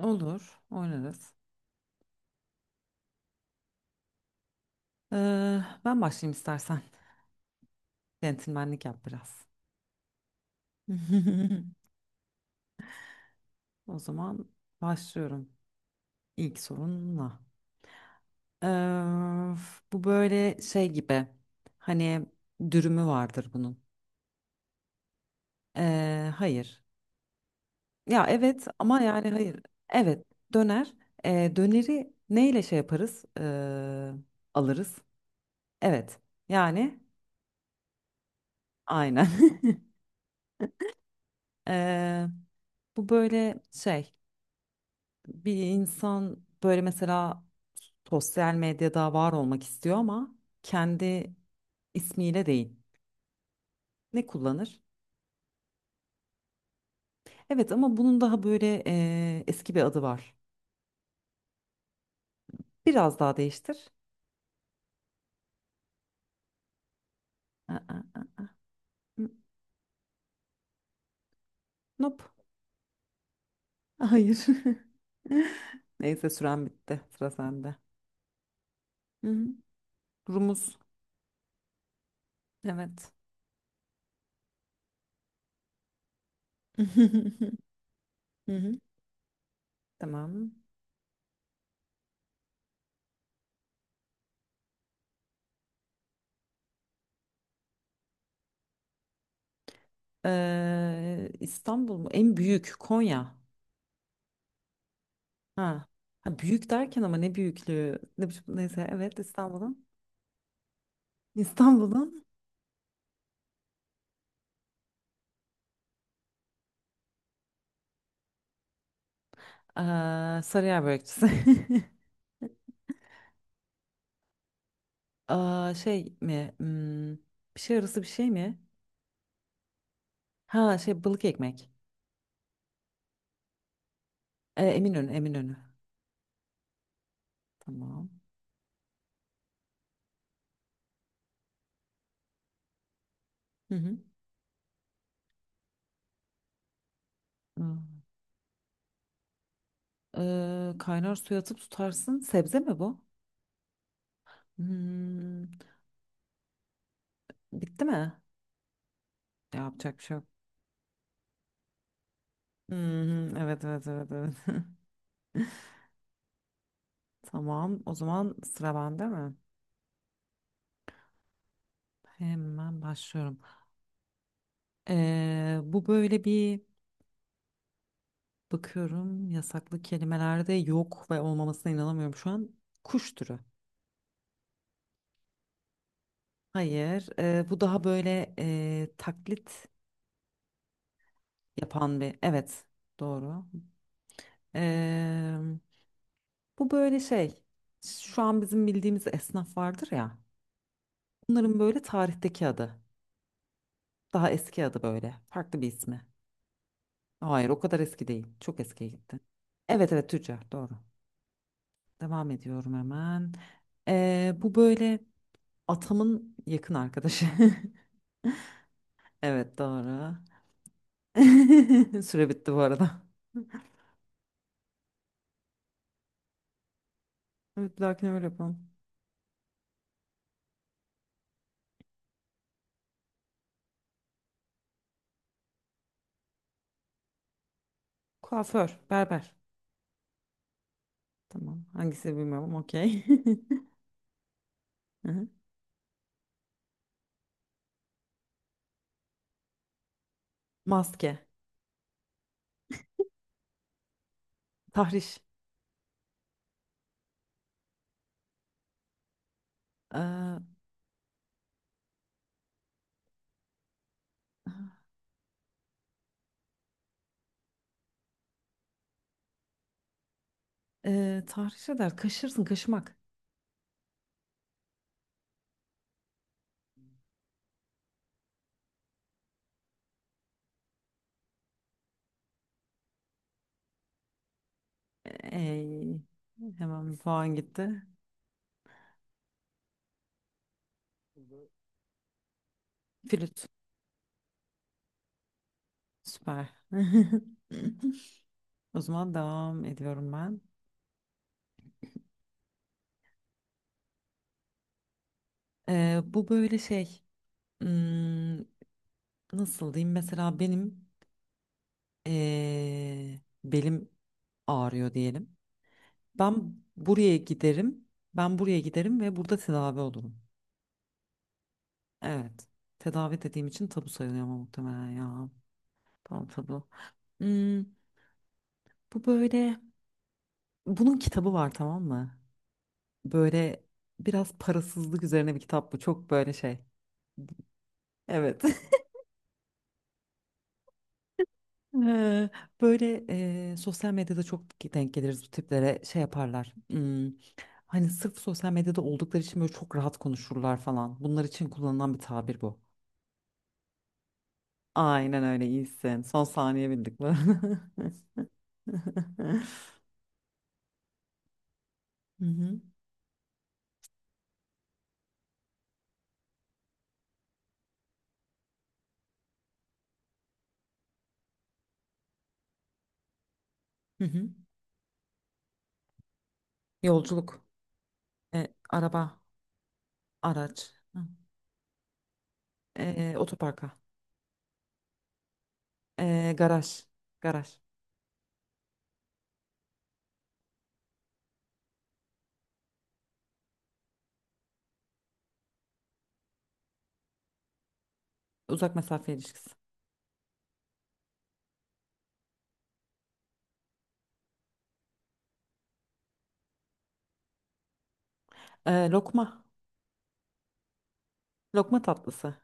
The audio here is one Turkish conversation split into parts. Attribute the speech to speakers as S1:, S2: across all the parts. S1: Olur, oynarız. Ee, Ben başlayayım istersen. Centilmenlik yap biraz. O zaman başlıyorum ilk sorunla. Ee, Bu böyle şey gibi. Hani dürümü vardır bunun. Hayır. Ya evet ama yani hayır. Evet, döner. Döneri neyle şey yaparız? Alırız. Evet. Yani aynen. Ee, Bu böyle şey. Bir insan böyle mesela sosyal medyada var olmak istiyor ama kendi ismiyle değil. Ne kullanır? Evet ama bunun daha böyle eski bir adı var. Biraz daha değiştir. Aa, aa, hı, nope. Hayır. Neyse süren bitti. Sıra sende. Hı hı. Rumuz. Evet. Hı hı. Tamam. İstanbul mu? En büyük Konya. Ha. Ha, büyük derken ama ne büyüklüğü? Neyse evet İstanbul'un. İstanbul'un eee Sarıyer börekçisi. Aa, şey mi? Bir şey arası bir şey mi? Ha, şey, balık ekmek. Eminönü, Eminönü. Tamam. Hı hı. Aa, kaynar suya atıp tutarsın. Sebze mi bu? Hmm, Bitti mi? Yapacak bir şey yok. Hı hı, evet evet evet evet. Tamam. O zaman sıra bende mi? Hemen başlıyorum. Bu böyle bir bakıyorum, yasaklı kelimelerde yok ve olmamasına inanamıyorum şu an. Kuş türü. Hayır, bu daha böyle taklit yapan bir. Evet, doğru. Ee, Bu böyle şey. Şu an bizim bildiğimiz esnaf vardır ya. Bunların böyle tarihteki adı. Daha eski adı böyle. Farklı bir ismi. Hayır, o kadar eski değil. Çok eskiye gitti. Evet evet, tüccar, doğru. Devam ediyorum hemen. Bu böyle. Atamın yakın arkadaşı. Evet doğru. Süre bitti bu arada. Evet, bir dahakine öyle yapalım. Kuaför, berber. Tamam. Hangisi bilmiyorum ama okey. Hı hı. Maske, tahriş. Ee, Tahriş eder. Kaşırsın, kaşımak. Ey, hemen bir puan gitti. Flüt. Süper. O zaman devam ediyorum ben. Bu böyle şey. hmm, Nasıl diyeyim? Mesela benim belim ağrıyor diyelim. Ben buraya giderim. Ben buraya giderim ve burada tedavi olurum. Evet. Tedavi dediğim için tabu sayılıyor ama muhtemelen ya. Tamam, tabu. Hmm, Bu böyle, bunun kitabı var tamam mı? Böyle biraz parasızlık üzerine bir kitap bu. Çok böyle şey. Evet. Ee, Böyle sosyal medyada çok denk geliriz bu tiplere, şey yaparlar. Hani sırf sosyal medyada oldukları için böyle çok rahat konuşurlar falan. Bunlar için kullanılan bir tabir bu. Aynen öyle, iyisin. Son saniye bildik mi? Hı hı, hı hı. Yolculuk, araba, araç, hı. Otoparka, garaj, garaj, uzak mesafe ilişkisi, lokma, lokma tatlısı,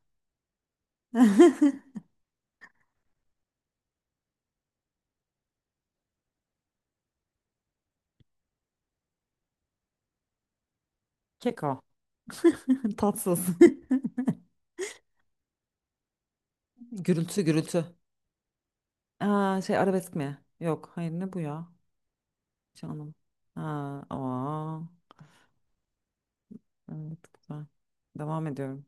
S1: keko, tatsız. Gürültü gürültü. Aa, şey, arabesk mi? Yok. Hayır, ne bu ya? Canım. Ha, aa, evet, güzel. Devam ediyorum.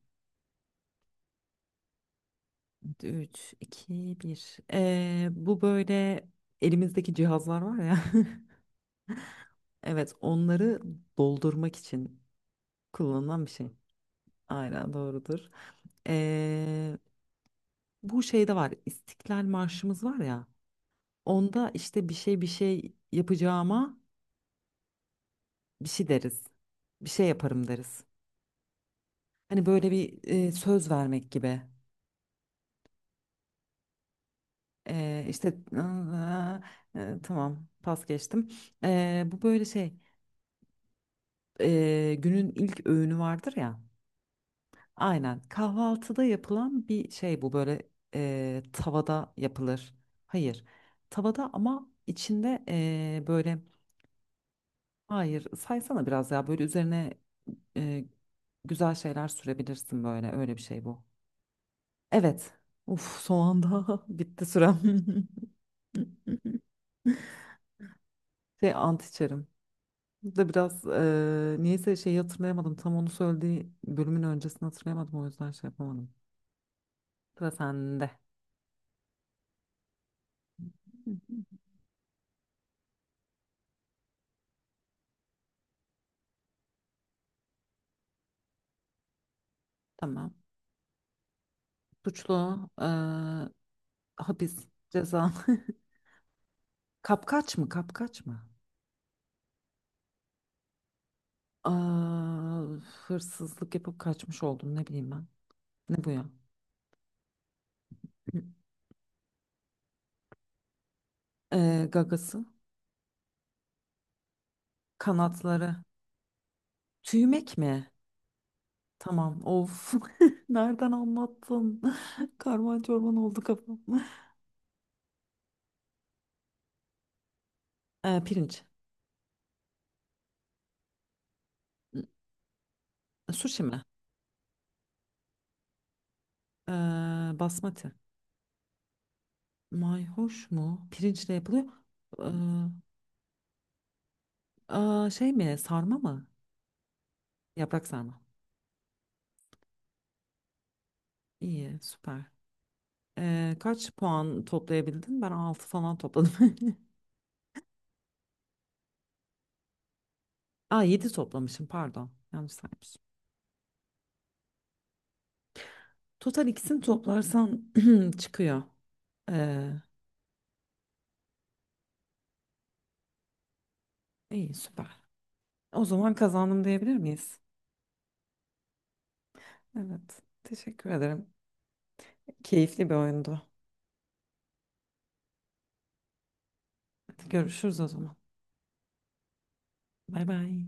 S1: Üç, iki, bir. Bu böyle elimizdeki cihazlar var ya. Evet, onları doldurmak için kullanılan bir şey. Aynen, doğrudur. Ee, Bu şeyde var. İstiklal Marşımız var ya. Onda işte bir şey bir şey yapacağıma, bir şey deriz. Bir şey yaparım deriz. Hani böyle bir söz vermek gibi. İşte aa, tamam, pas geçtim. Bu böyle şey, günün ilk öğünü vardır ya. Aynen, kahvaltıda yapılan bir şey bu böyle, tavada yapılır. Hayır, tavada ama içinde böyle, hayır saysana biraz ya, böyle üzerine e, güzel şeyler sürebilirsin, böyle öyle bir şey bu. Evet. Uf, son anda bitti sürem. Şey, ant içerim. Da biraz niyeyse şeyi hatırlayamadım. Tam onu söylediği bölümün öncesini hatırlayamadım. O yüzden şey yapamadım. Sıra sende. Tamam. Suçlu, eee, hapis ceza. Kapkaç mı? Kapkaç mı? Aa, hırsızlık yapıp kaçmış oldum. Ne bileyim ben. Ne bu ya? Hı. Gagası. Kanatları. Tüymek mi? Tamam. Of. Nereden anlattın? Karman çorman oldu kafam. Pirinç. Sushi mi? Ee, Basmati. Mayhoş mu? Pirinçle yapılıyor. Ee, Aa, şey mi? Sarma mı? Yaprak sarma. İyi, süper. Kaç puan toplayabildin? Ben 6 falan topladım. Aa, 7 toplamışım, pardon. Yanlış saymışım. Total ikisini toplarsan çıkıyor. Ee, iyi, süper. O zaman kazandım diyebilir miyiz? Evet. Teşekkür ederim. Keyifli bir oyundu. Hadi görüşürüz o zaman. Bay bay.